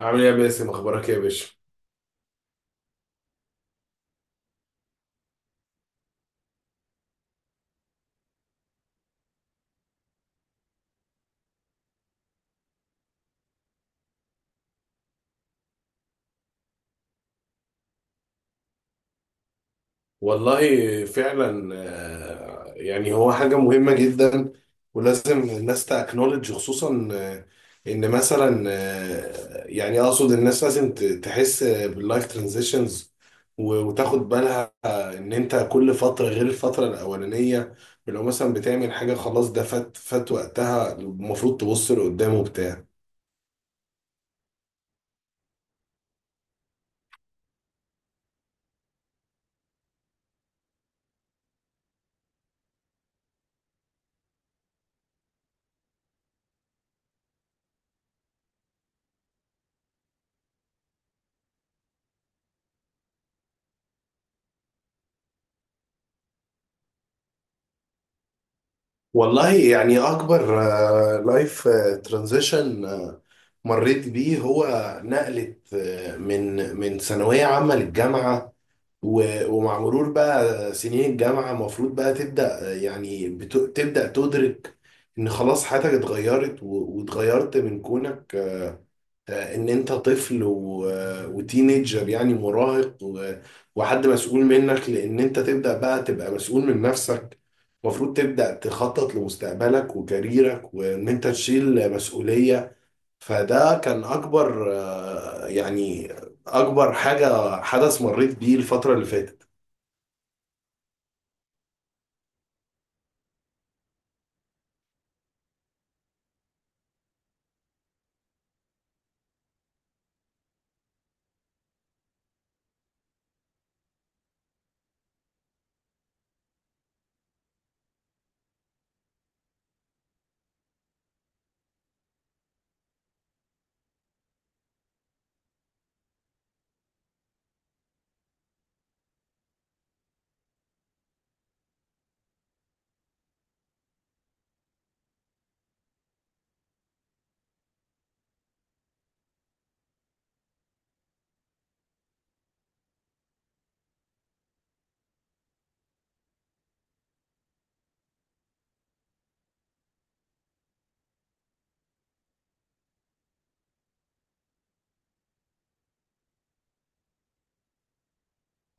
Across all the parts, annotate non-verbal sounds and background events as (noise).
عامل ايه يا باسم، اخبارك ايه يا باشا؟ والله فعلا، يعني هو حاجه مهمه جدا. ولازم الناس تاكنولج خصوصا، ان مثلا يعني اقصد الناس لازم تحس باللايف ترانزيشنز، وتاخد بالها ان انت كل فتره غير الفتره الاولانيه. لو مثلا بتعمل حاجه خلاص، ده فات، فات وقتها، المفروض تبص لقدام وبتاع. والله، يعني اكبر لايف ترانزيشن مريت بيه هو نقلة، من ثانوية عامة للجامعة. ومع مرور بقى سنين الجامعة المفروض بقى تبدأ، يعني تبدأ تدرك ان خلاص حياتك اتغيرت واتغيرت من كونك، ان انت طفل وتينيجر يعني مراهق، وحد مسؤول منك، لان انت تبدا بقى تبقى مسؤول من نفسك. المفروض تبدا تخطط لمستقبلك وكاريرك وان انت تشيل مسؤوليه. فده كان اكبر، يعني اكبر حاجه حدث مريت بيه الفتره اللي فاتت.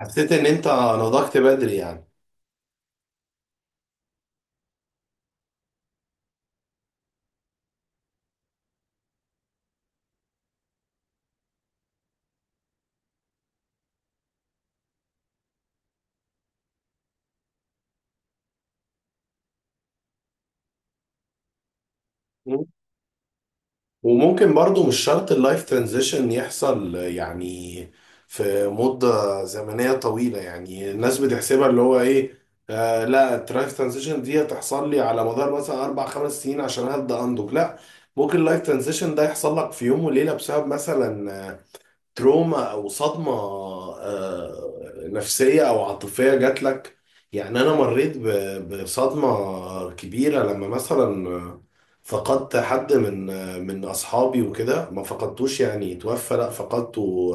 حسيت ان انت نضجت بدري يعني. وممكن برضو مش شرط اللايف ترانزيشن يحصل يعني في مدة زمنية طويلة. يعني الناس بتحسبها اللي هو ايه؟ آه، لا، اللايف ترانزيشن دي هتحصل لي على مدار مثلا اربع خمس سنين عشان هبدأ انضج؟ لا، ممكن اللايف ترانزيشن ده يحصل لك في يوم وليلة بسبب مثلا تروما او صدمه آه، نفسيه او عاطفيه جات لك. يعني انا مريت بصدمه كبيره لما مثلا فقدت حد من اصحابي وكده. ما فقدتوش يعني توفى، لا فقدته،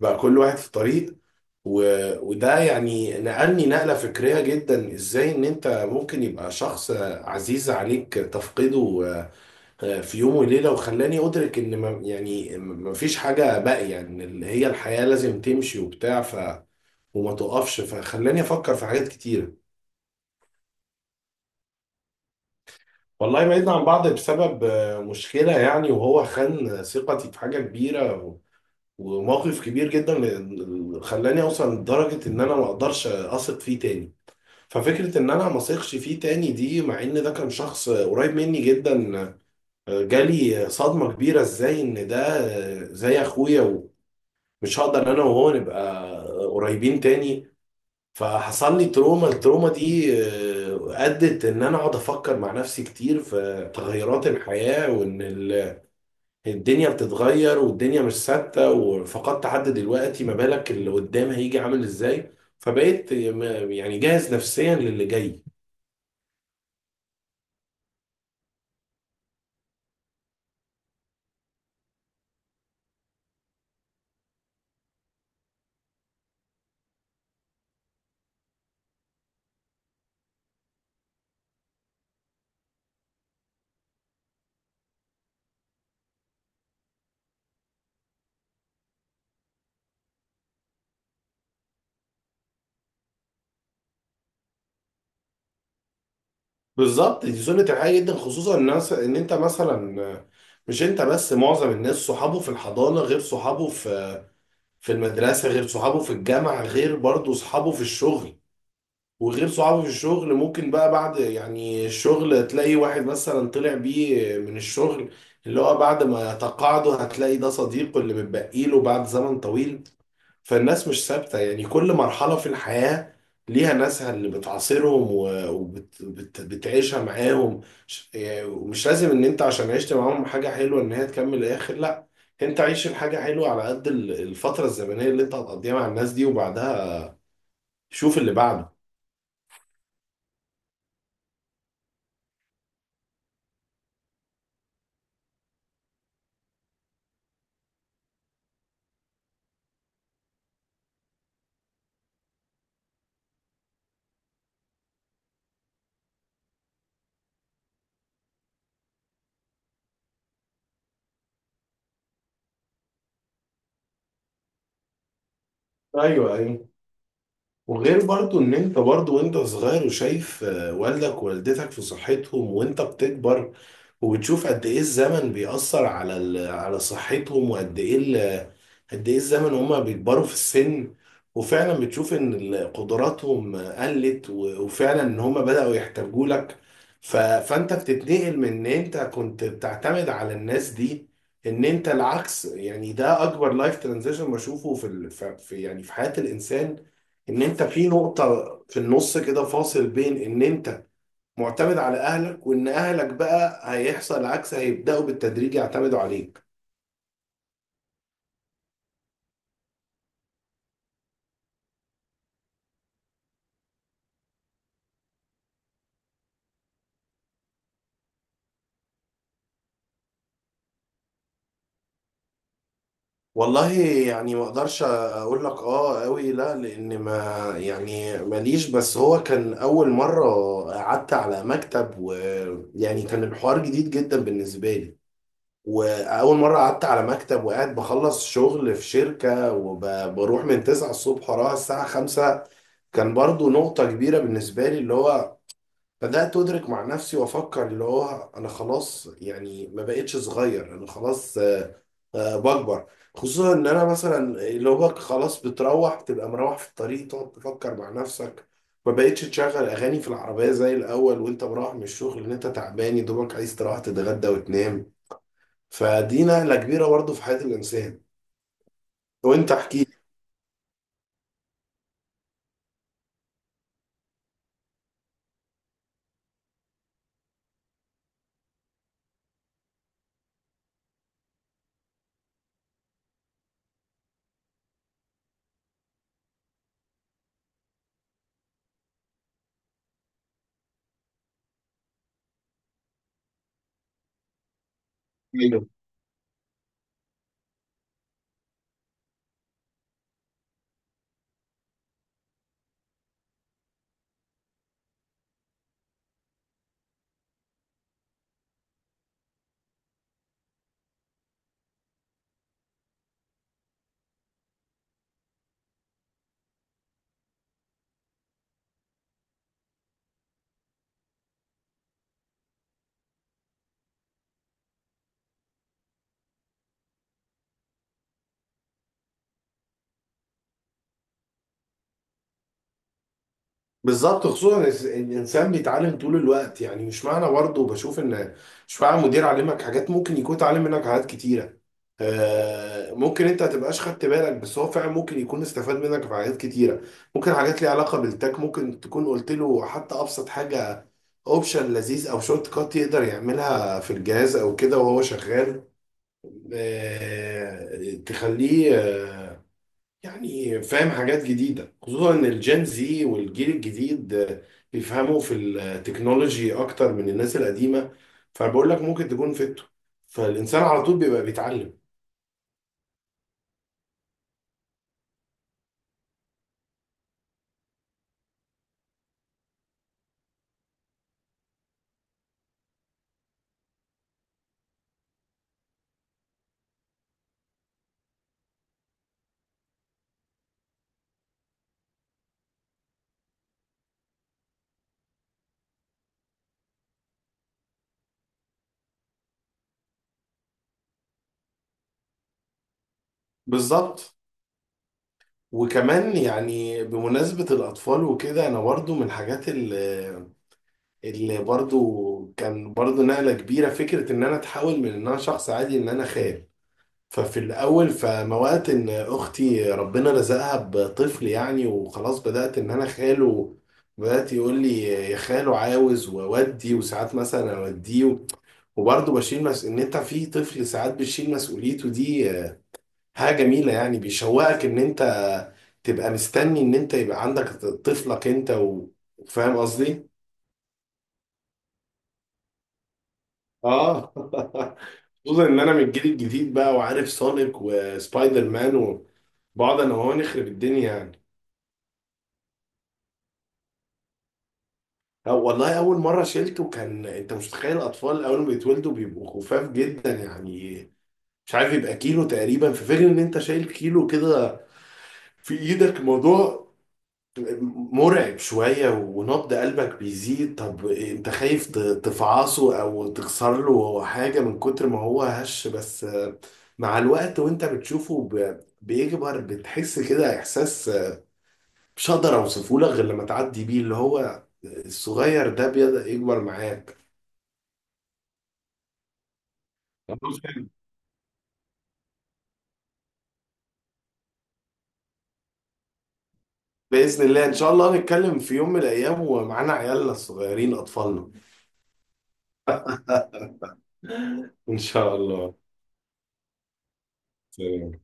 بقى كل واحد في طريق. وده يعني نقلني نقله فكريه جدا، ازاي ان انت ممكن يبقى شخص عزيز عليك تفقده في يوم وليلة، وخلاني أدرك إن ما يعني ما فيش حاجة باقية، يعني إن اللي هي الحياة لازم تمشي وبتاع، وما تقفش، فخلاني أفكر في حاجات كتيرة. والله، بعدنا عن بعض بسبب مشكلة يعني، وهو خان ثقتي في حاجة كبيرة وموقف كبير جدا، خلاني أوصل لدرجة إن أنا ما أقدرش أثق فيه تاني. ففكرة إن أنا ما أثقش فيه تاني دي، مع إن ده كان شخص قريب مني جدا، جالي صدمة كبيرة. إزاي إن ده زي أخويا، مش هقدر انا وهو نبقى قريبين تاني. فحصل لي تروما. التروما دي ادت ان انا اقعد افكر مع نفسي كتير في تغيرات الحياة، وان الدنيا بتتغير والدنيا مش ثابتة، وفقدت حد دلوقتي، ما بالك اللي قدام هيجي عامل ازاي؟ فبقيت يعني جاهز نفسيا للي جاي. بالظبط، دي سنة الحياة جدا، خصوصا الناس ان انت مثلا، مش انت بس، معظم الناس صحابه في الحضانة غير صحابه في المدرسة غير صحابه في الجامعة غير برضه صحابه في الشغل. وغير صحابه في الشغل ممكن بقى بعد يعني الشغل تلاقي واحد مثلا طلع بيه من الشغل، اللي هو بعد ما تقاعده هتلاقي ده صديقه اللي متبقي له بعد زمن طويل. فالناس مش ثابتة. يعني كل مرحلة في الحياة ليها ناسها اللي بتعاصرهم وبتعيشها معاهم. يعني ومش لازم ان انت عشان عشت معاهم حاجة حلوة ان هي تكمل الاخر، لا، انت عيش الحاجة حلوة على قد الفترة الزمنية اللي انت هتقضيها مع الناس دي، وبعدها شوف اللي بعده. ايوه، ايوه. وغير برضو ان انت برضو وانت صغير وشايف والدك ووالدتك في صحتهم، وانت بتكبر وبتشوف قد ايه الزمن بيأثر على على صحتهم، قد ايه الزمن هما بيكبروا في السن. وفعلا بتشوف ان قدراتهم قلت وفعلا ان هما بدأوا يحتاجوا لك. فانت بتتنقل من ان انت كنت بتعتمد على الناس دي، ان انت العكس. يعني ده اكبر لايف ترانزيشن بشوفه في في يعني في حياة الانسان، ان انت في نقطة في النص كده فاصل بين ان انت معتمد على اهلك وان اهلك بقى هيحصل العكس، هيبداوا بالتدريج يعتمدوا عليك. والله، يعني ما اقدرش اقول لك اه قوي، لا، لان ما يعني ماليش. بس هو كان اول مره قعدت على مكتب، ويعني كان الحوار جديد جدا بالنسبه لي. واول مره قعدت على مكتب وقاعد بخلص شغل في شركه وبروح من 9 الصبح وراها الساعه 5، كان برضو نقطة كبيرة بالنسبة لي. اللي هو بدأت أدرك مع نفسي وأفكر اللي هو أنا خلاص يعني ما بقتش صغير، أنا خلاص بكبر. خصوصا إن أنا مثلا اللي هو خلاص، بتروح تبقى مروح في الطريق تقعد تفكر مع نفسك، ما بقتش تشغل أغاني في العربية زي الأول وأنت مروح من الشغل، إن أنت تعبان يا دوبك عايز تروح تتغدى وتنام. فدي نقلة كبيرة برضه في حياة الإنسان. وأنت احكي. لي. بالظبط، خصوصا إن الانسان بيتعلم طول الوقت. يعني مش معنى برضه بشوف ان، مش معنى مدير علمك حاجات ممكن يكون اتعلم منك حاجات كتيره. ممكن انت تبقاش خدت بالك بس هو فعلا ممكن يكون استفاد منك في حاجات كتيره. ممكن حاجات ليها علاقه بالتك، ممكن تكون قلت له حتى ابسط حاجه، اوبشن لذيذ او شورت كات يقدر يعملها في الجهاز او كده وهو شغال. تخليه يعني فاهم حاجات جديدة، خصوصا ان الجين زي والجيل الجديد بيفهموا في التكنولوجي اكتر من الناس القديمة. فبقول لك ممكن تكون فته. فالانسان على طول بيبقى بيتعلم. بالظبط. وكمان يعني بمناسبة الأطفال وكده، أنا برضو من الحاجات اللي برضو كان برضو نقلة كبيرة، فكرة إن أنا أتحول من إن أنا شخص عادي إن أنا خال. ففي الأول فموقت إن أختي ربنا رزقها بطفل يعني، وخلاص بدأت إن أنا خاله. بدأت يقول لي يا خاله عاوز وأودي وساعات مثلا أوديه، وبرضه بشيل إن أنت في طفل ساعات بتشيل مسؤوليته دي. حاجة جميلة، يعني بيشوقك إن أنت تبقى مستني إن أنت يبقى عندك طفلك أنت فاهم قصدي؟ آه (laughs) خصوصا إن أنا من الجيل الجديد بقى، وعارف سونيك وسبايدر مان، وبقعد أنا وهو نخرب الدنيا يعني. أو والله، أول مرة شيلته، كان أنت مش متخيل، الأطفال أول ما بيتولدوا بيبقوا خفاف جدا، يعني مش عارف، يبقى كيلو تقريبا، في فكرة إن أنت شايل كيلو كده في إيدك، موضوع مرعب شوية. ونبض قلبك بيزيد، طب أنت خايف تفعصه أو تكسر له حاجة من كتر ما هو هش. بس مع الوقت وأنت بتشوفه بيكبر، بتحس كده إحساس مش هقدر أوصفه لك، غير لما تعدي بيه اللي هو الصغير ده بيبدأ يكبر معاك. خلاص، حلو. بإذن الله، إن شاء الله نتكلم في يوم من الأيام ومعانا عيالنا الصغيرين أطفالنا. (laughs) إن شاء الله. سلام.